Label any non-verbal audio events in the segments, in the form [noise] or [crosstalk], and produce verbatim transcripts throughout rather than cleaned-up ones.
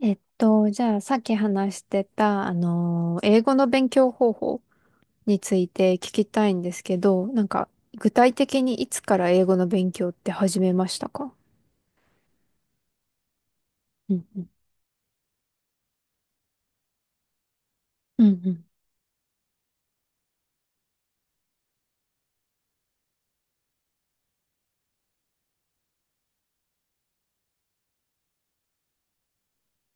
えっと、じゃあ、さっき話してた、あのー、英語の勉強方法について聞きたいんですけど、なんか、具体的にいつから英語の勉強って始めましたか？うんうん。うんうん。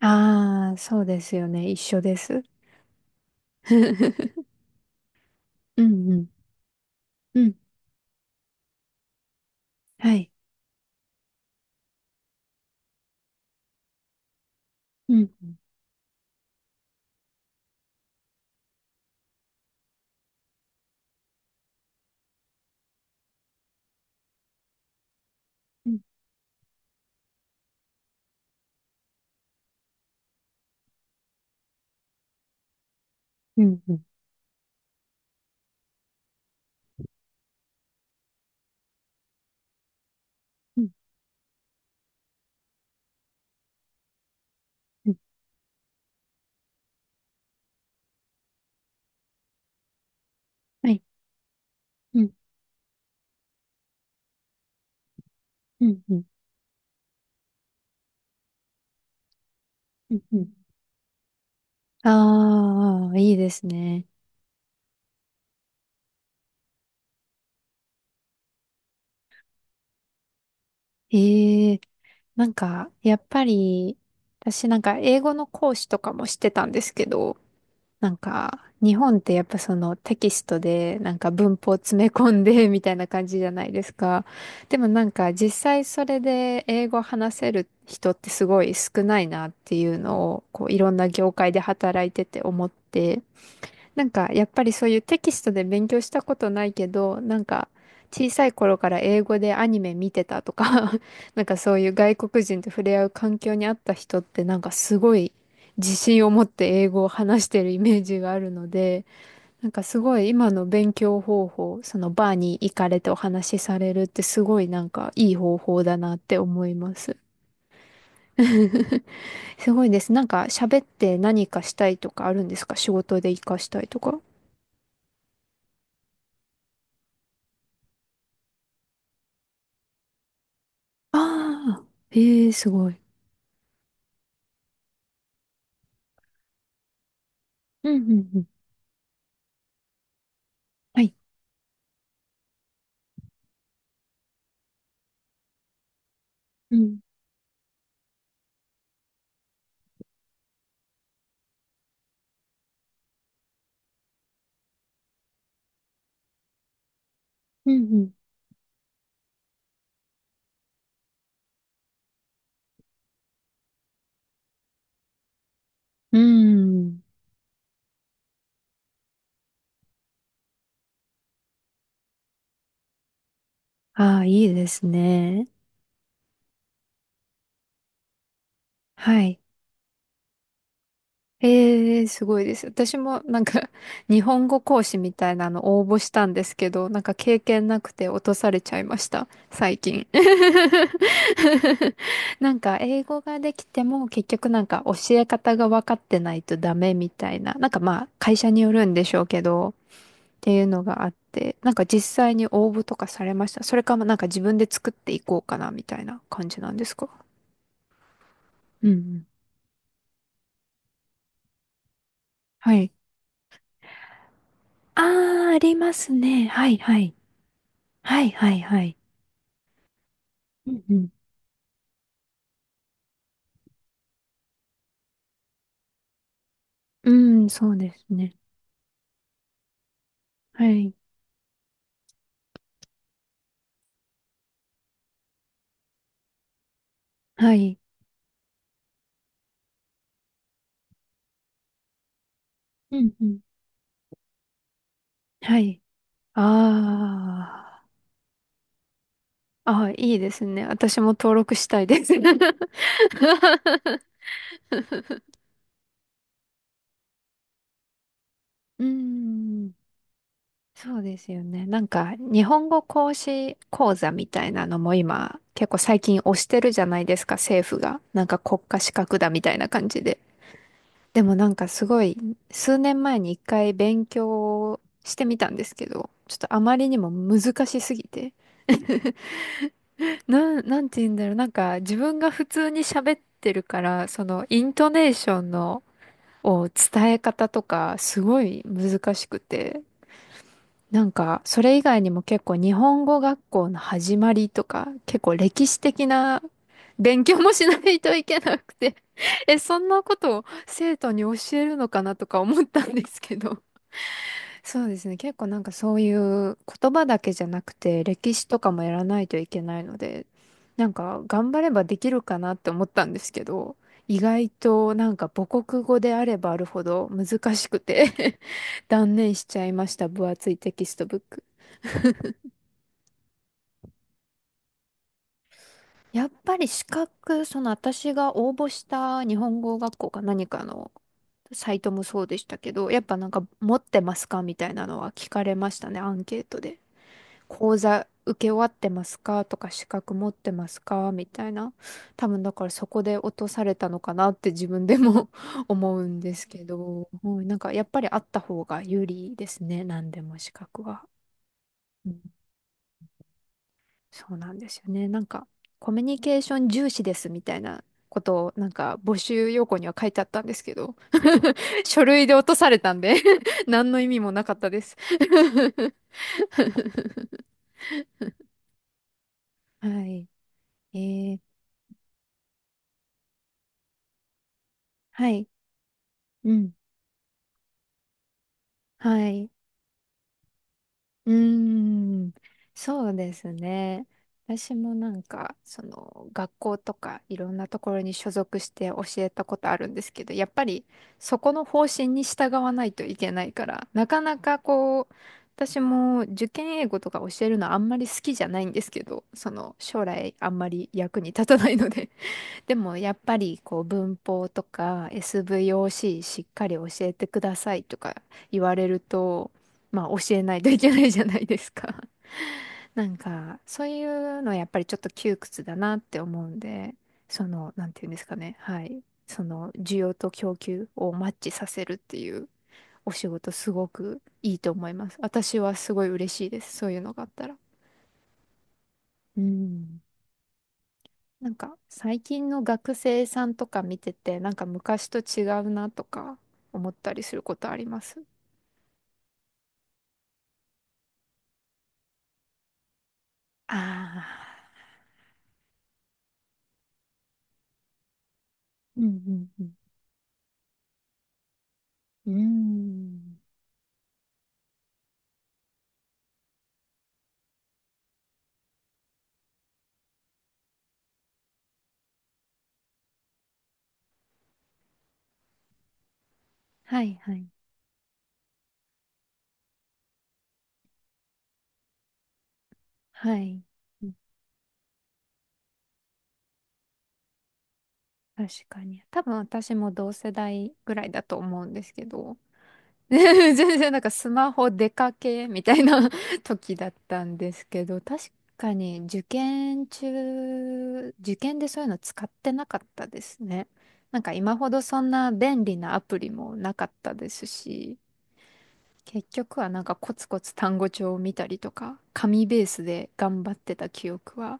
ああ、そうですよね。一緒です。[laughs] うんうんうん。はい。うんうんうんうんうんうん。はい。うんうんうんうんうん。ああ、いいですね。ええ。なんか、やっぱり、私なんか英語の講師とかもしてたんですけど、なんか、日本ってやっぱそのテキストでなんか文法詰め込んで [laughs] みたいな感じじゃないですか。でもなんか実際それで英語話せる人ってすごい少ないなっていうのを、こういろんな業界で働いてて思って、なんか、やっぱりそういうテキストで勉強したことないけど、なんか、小さい頃から英語でアニメ見てたとか [laughs] なんかそういう外国人と触れ合う環境にあった人って、なんかすごい自信を持って英語を話してるイメージがあるので、なんかすごい今の勉強方法、そのバーに行かれてお話しされるってすごいなんかいい方法だなって思います。[laughs] すごいです。なんか喋って何かしたいとかあるんですか？仕事で活かしたいとか。ああ、ええ、すごい。うんうんうん。はい。うん、うん、うん。うん。ああ、いいですね。はい。ええ、すごいです。私もなんか、[laughs] 日本語講師みたいなの応募したんですけど、なんか経験なくて落とされちゃいました。最近。[laughs] なんか、英語ができても結局なんか教え方が分かってないとダメみたいな。なんかまあ、会社によるんでしょうけど、っていうのがあって、なんか実際に応募とかされました？それかもなんか自分で作っていこうかなみたいな感じなんですか？うんうん。はい。ああ、ありますね。はいはい。はいはいはい。うんうん。うん、そうですね。はい。はい。うんうん。はい。ああ。ああ、いいですね。私も登録したいです。[laughs] うん。そうですよね。なんか、日本語講師講座みたいなのも今、結構最近推してるじゃないですか、政府が。なんか国家資格だみたいな感じで。でもなんかすごい、数年前に一回勉強してみたんですけど、ちょっとあまりにも難しすぎて。なん、なんて言うんだろう。なんか自分が普通に喋ってるから、そのイントネーションの、を伝え方とか、すごい難しくて。なんか、それ以外にも結構日本語学校の始まりとか、結構歴史的な勉強もしないといけなくて [laughs] え、そんなことを生徒に教えるのかなとか思ったんですけど。[laughs] そうですね。結構なんかそういう言葉だけじゃなくて、歴史とかもやらないといけないので、なんか頑張ればできるかなって思ったんですけど、意外となんか母国語であればあるほど難しくて [laughs] 断念しちゃいました。分厚いテキストブック。やっぱり資格、その私が応募した日本語学校か何かのサイトもそうでしたけど、やっぱなんか持ってますか？みたいなのは聞かれましたね、アンケートで。講座受け終わってますかとか資格持ってますかみたいな。多分だからそこで落とされたのかなって自分でも [laughs] 思うんですけど、うん、なんかやっぱりあった方が有利ですね、何でも資格は。そうなんですよね。なんか、コミュニケーション重視ですみたいなことを、なんか、募集要項には書いてあったんですけど、[laughs] 書類で落とされたんで [laughs] 何の意味もなかったです。 [laughs] はい。えー、はい。うん。はい。うーん、そうですね。私もなんか、その、学校とかいろんなところに所属して教えたことあるんですけど、やっぱりそこの方針に従わないといけないから、なかなかこう、私も受験英語とか教えるのあんまり好きじゃないんですけど、その、将来あんまり役に立たないので、でもやっぱりこう文法とか エスブイオーシー しっかり教えてくださいとか言われると、まあ教えないといけないじゃないですか。[laughs] なんかそういうのやっぱりちょっと窮屈だなって思うんで、その、なんていうんですかね。はい。その需要と供給をマッチさせるっていうお仕事すごくいいと思います。私はすごい嬉しいです。そういうのがあったら。うん。なんか最近の学生さんとか見てて、なんか昔と違うなとか思ったりすることあります？ああー、うんうんうん。うーん。はいはいはい。うん。確かに。多分私も同世代ぐらいだと思うんですけど、[laughs] 全然なんかスマホ出かけみたいな [laughs] 時だったんですけど、確かに受験中、受験でそういうの使ってなかったですね。なんか今ほどそんな便利なアプリもなかったですし、結局はなんかコツコツ単語帳を見たりとか、紙ベースで頑張ってた記憶は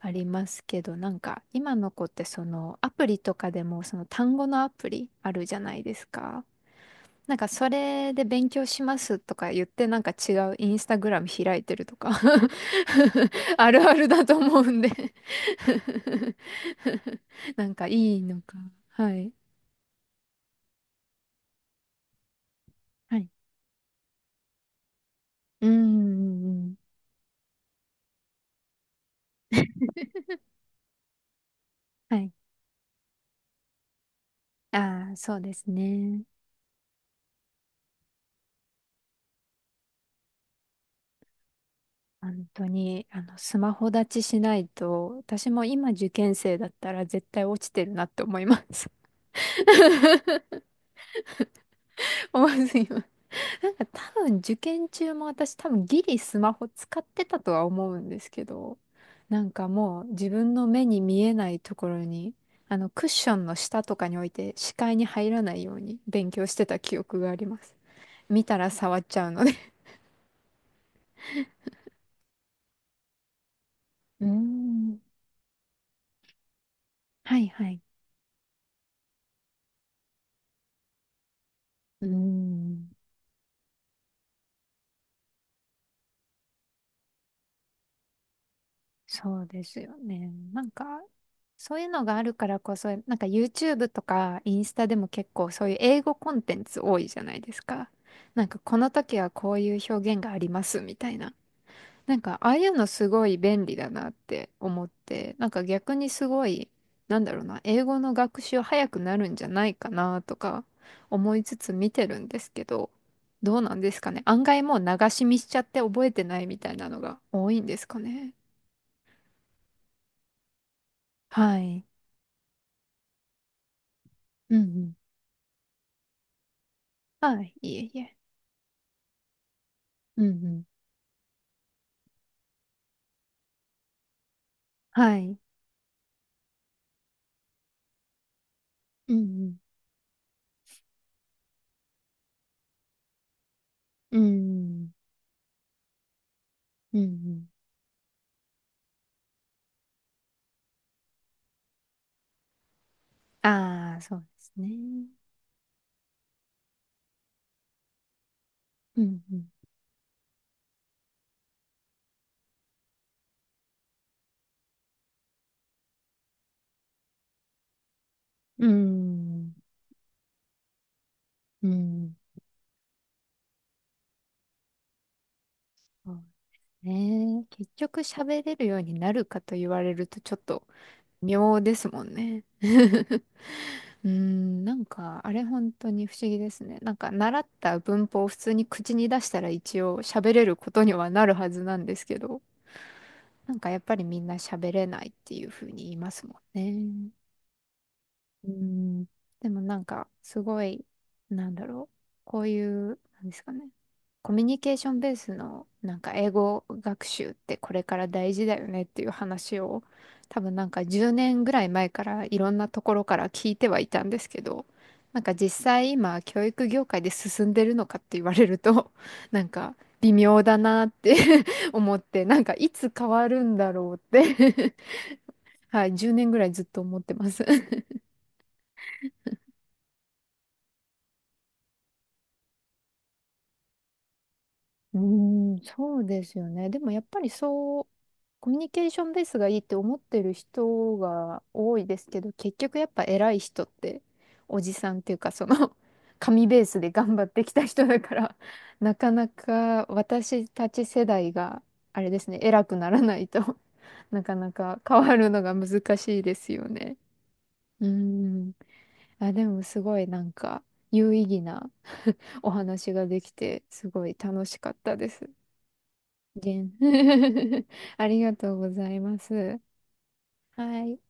ありますけど、なんか今の子ってそのアプリとかでもその単語のアプリあるじゃないですか。なんかそれで勉強しますとか言ってなんか違うインスタグラム開いてるとか [laughs] あるあるだと思うんで [laughs] なんかいいのか。はい。はい。うんうんうん。はい。ああ、そうですね。本当に、あの、スマホ立ちしないと、私も今受験生だったら絶対落ちてるなって思います。[laughs] 思います。なんか多分受験中も私多分ギリスマホ使ってたとは思うんですけど、なんかもう自分の目に見えないところに、あのクッションの下とかに置いて視界に入らないように勉強してた記憶があります。見たら触っちゃうので。うーん。はいはい。うーん。そうですよね。なんか、そういうのがあるからこそ、なんか YouTube とかインスタでも結構そういう英語コンテンツ多いじゃないですか。なんかこの時はこういう表現がありますみたいな。なんかああいうのすごい便利だなって思って、なんか逆にすごい、なんだろうな、英語の学習早くなるんじゃないかなとか思いつつ見てるんですけど、どうなんですかね。案外もう流し見しちゃって覚えてないみたいなのが多いんですかね。はい。うんうん。はい。いえいえ。うんうん。はい。うんうん。うんうん。うん。ああー、そうですね。うんうん。うん。うん。そうね。結局喋れるようになるかと言われるとちょっと妙ですもんね。[laughs] うん。なんか、あれ本当に不思議ですね。なんか、習った文法を普通に口に出したら一応喋れることにはなるはずなんですけど。なんかやっぱりみんな喋れないっていうふうに言いますもんね。うん。でもなんか、すごい、なんだろう。こういう、なんですかね。コミュニケーションベースの、なんか英語学習ってこれから大事だよねっていう話を、多分なんかじゅうねんぐらい前からいろんなところから聞いてはいたんですけど、なんか実際今、教育業界で進んでるのかって言われると、[laughs] なんか微妙だなって [laughs] 思って、なんかいつ変わるんだろうって [laughs] はい、じゅうねんぐらいずっと思ってます。うーん、そうですよね。でもやっぱりそう、コミュニケーションベースがいいって思ってる人が多いですけど、結局やっぱ偉い人って、おじさんっていうか、その [laughs] 紙ベースで頑張ってきた人だから、[laughs] なかなか私たち世代が、あれですね、偉くならないと [laughs] なかなか変わるのが難しいですよね。うーん。あ、でもすごいなんか、有意義な [laughs] お話ができて、すごい楽しかったです。げん [laughs] ありがとうございます。はい。